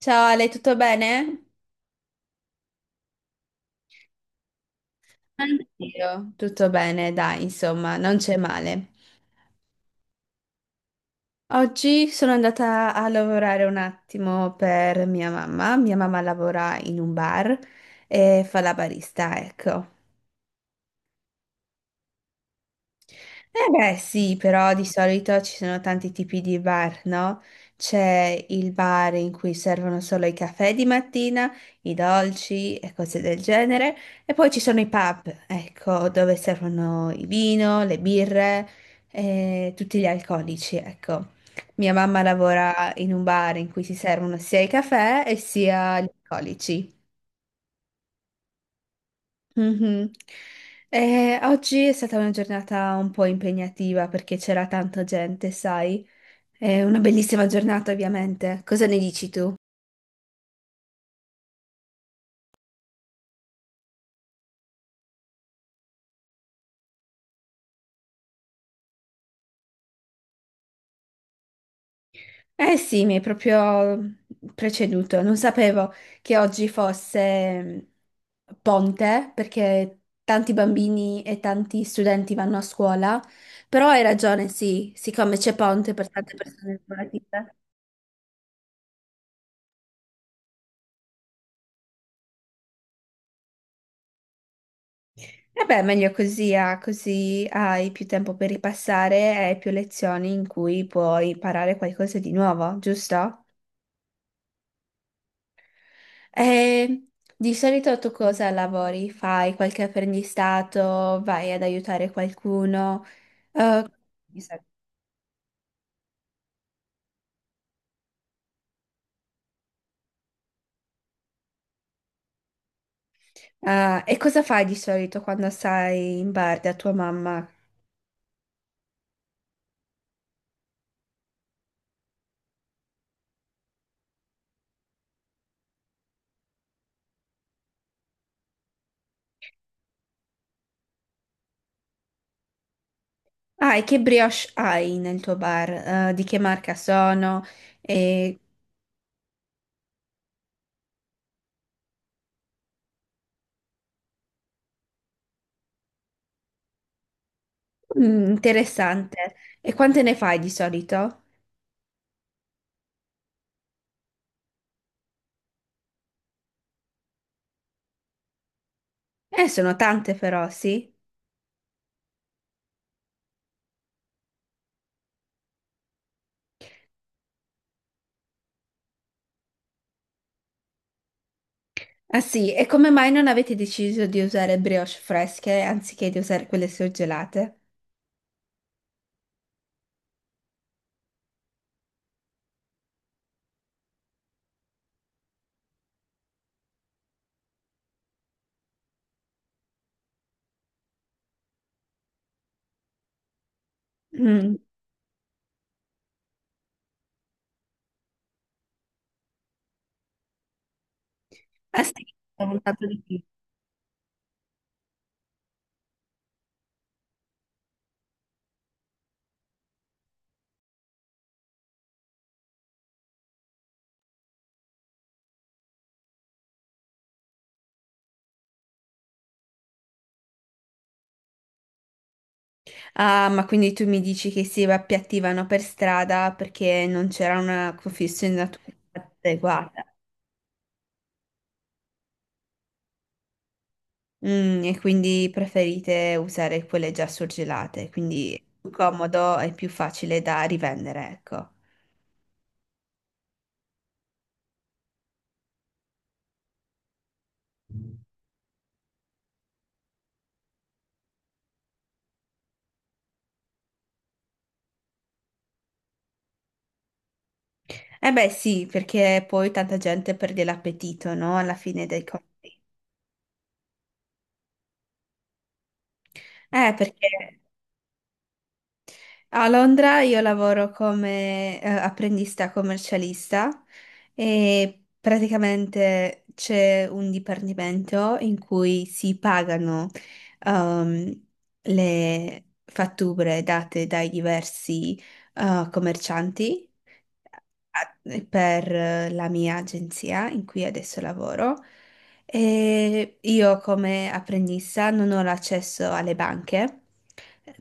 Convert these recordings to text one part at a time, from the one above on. Ciao Ale, tutto bene? Anch'io. Io, tutto bene, dai, insomma, non c'è male. Oggi sono andata a lavorare un attimo per mia mamma. Mia mamma lavora in un bar e fa la barista, ecco. Eh beh, sì, però di solito ci sono tanti tipi di bar, no? C'è il bar in cui servono solo i caffè di mattina, i dolci e cose del genere, e poi ci sono i pub, ecco, dove servono il vino, le birre e tutti gli alcolici, ecco. Mia mamma lavora in un bar in cui si servono sia i caffè e sia gli alcolici. Mhm. Oggi è stata una giornata un po' impegnativa perché c'era tanta gente, sai? È una bellissima giornata, ovviamente. Cosa ne dici tu? Eh sì, mi hai proprio preceduto. Non sapevo che oggi fosse ponte perché tanti bambini e tanti studenti vanno a scuola, però hai ragione, sì, siccome c'è ponte per tante persone lavorative. Vabbè, meglio così, ah, così hai più tempo per ripassare e più lezioni in cui puoi imparare qualcosa di nuovo, giusto? E di solito tu cosa lavori? Fai qualche apprendistato? Vai ad aiutare qualcuno? Eh, mi sa- Ah, e cosa fai di solito quando stai in bar da tua mamma? Ah, e che brioche hai nel tuo bar? Di che marca sono? E- mm, interessante. E quante ne fai di solito? Sono tante però, sì. Ah sì, e come mai non avete deciso di usare brioche fresche anziché di usare quelle surgelate? Mm. Ah sì, ho votato di più. Ah, ma quindi tu mi dici che si appiattivano per strada perché non c'era una confezionatura adeguata. Mm, e quindi preferite usare quelle già surgelate, quindi è più comodo e più facile da rivendere, ecco. Eh beh sì, perché poi tanta gente perde l'appetito, no? Alla fine dei conti. Perché a Londra io lavoro come apprendista commercialista e praticamente c'è un dipartimento in cui si pagano ehm, le fatture date dai diversi commercianti a- per la mia agenzia in cui adesso lavoro. E io come apprendista non ho l'accesso alle banche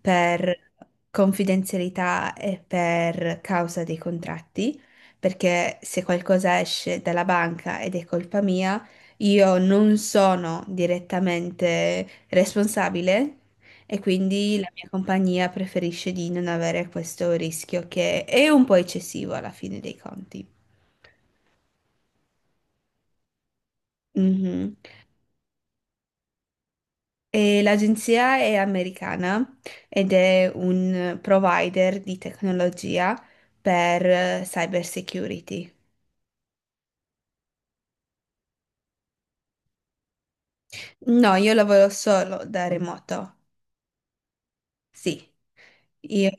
per confidenzialità e per causa dei contratti, perché se qualcosa esce dalla banca ed è colpa mia, io non sono direttamente responsabile e quindi la mia compagnia preferisce di non avere questo rischio che è un po' eccessivo alla fine dei conti. Mhm. E l'agenzia è americana ed è un provider di tecnologia per cyber security. No, io lavoro solo da remoto. Sì, io.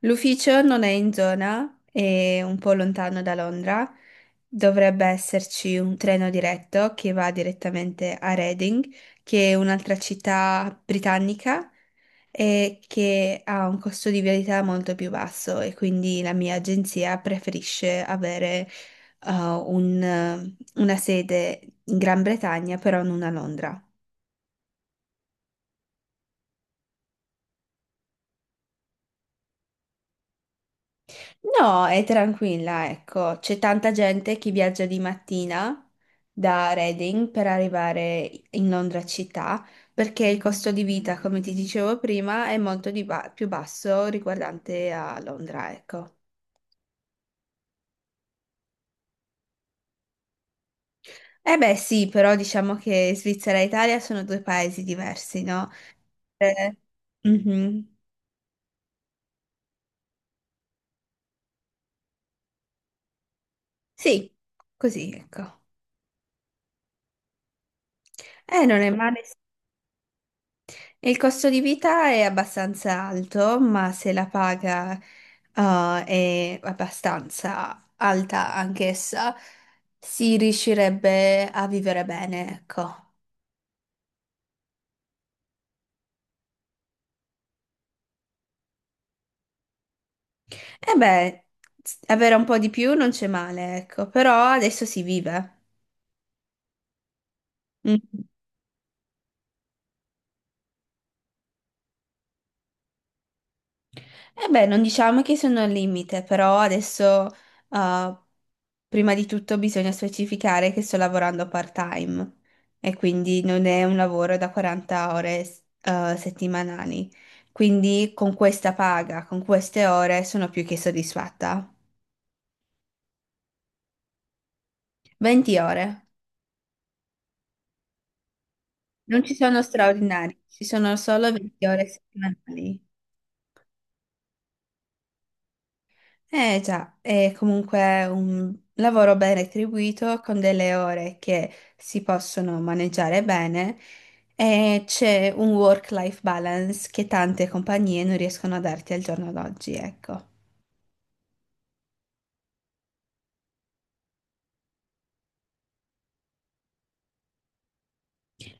L'ufficio non è in zona, è un po' lontano da Londra. Dovrebbe esserci un treno diretto che va direttamente a Reading, che è un'altra città britannica e che ha un costo di viabilità molto più basso e quindi la mia agenzia preferisce avere una sede in Gran Bretagna, però non a Londra. No, è tranquilla, ecco. C'è tanta gente che viaggia di mattina da Reading per arrivare in Londra città, perché il costo di vita, come ti dicevo prima, è molto più basso riguardante a Londra, ecco. Eh beh, sì, però diciamo che Svizzera e Italia sono due paesi diversi, no? Eh, mhm. Sì, così, ecco. Non è male. Il costo di vita è abbastanza alto, ma se la paga, è abbastanza alta anch'essa, si riuscirebbe a vivere bene, ecco. E beh, avere un po' di più non c'è male, ecco, però adesso si vive. Mm. Eh beh, non diciamo che sono al limite, però adesso, eh, prima di tutto bisogna specificare che sto lavorando part-time e quindi non è un lavoro da 40 ore, settimanali. Quindi con questa paga, con queste ore, sono più che soddisfatta. 20 ore. Non ci sono straordinari, ci sono solo 20 ore settimanali. Eh già, è comunque un lavoro ben retribuito con delle ore che si possono maneggiare bene e c'è un work-life balance che tante compagnie non riescono a darti al giorno d'oggi, ecco.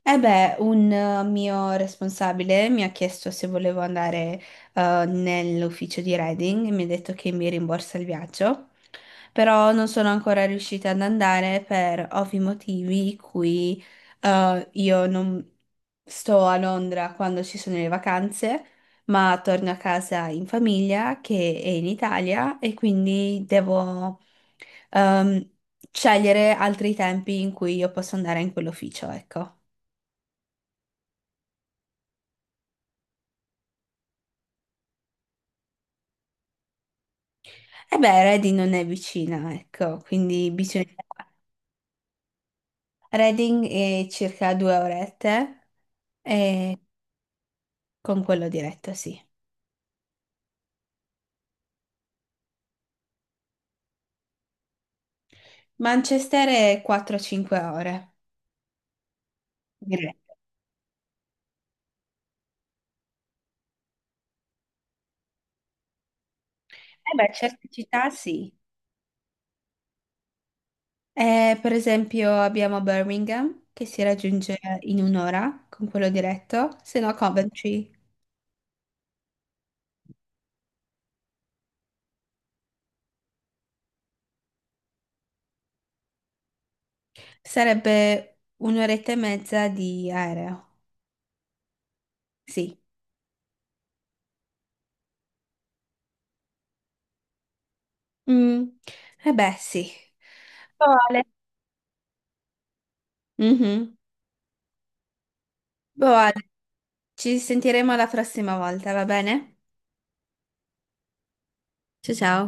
Eh beh, un mio responsabile mi ha chiesto se volevo andare nell'ufficio di Reading e mi ha detto che mi rimborsa il viaggio, però non sono ancora riuscita ad andare per ovvi motivi, in cui io non sto a Londra quando ci sono le vacanze, ma torno a casa in famiglia che è in Italia e quindi devo ehm, scegliere altri tempi in cui io posso andare in quell'ufficio, ecco. E beh, Reading non è vicina, ecco, quindi bisogna... Reading è circa 2 orette e con quello diretto, sì. Manchester è 4-5 ore diretto. Eh beh, certe città sì. Per esempio abbiamo Birmingham, che si raggiunge in un'ora con quello diretto, se no Coventry sarebbe un'oretta e mezza di aereo, sì. Mm. Eh beh, sì. Boh, Ale. Mhm. Boh, Ale, ci sentiremo la prossima volta, va bene? Ciao ciao.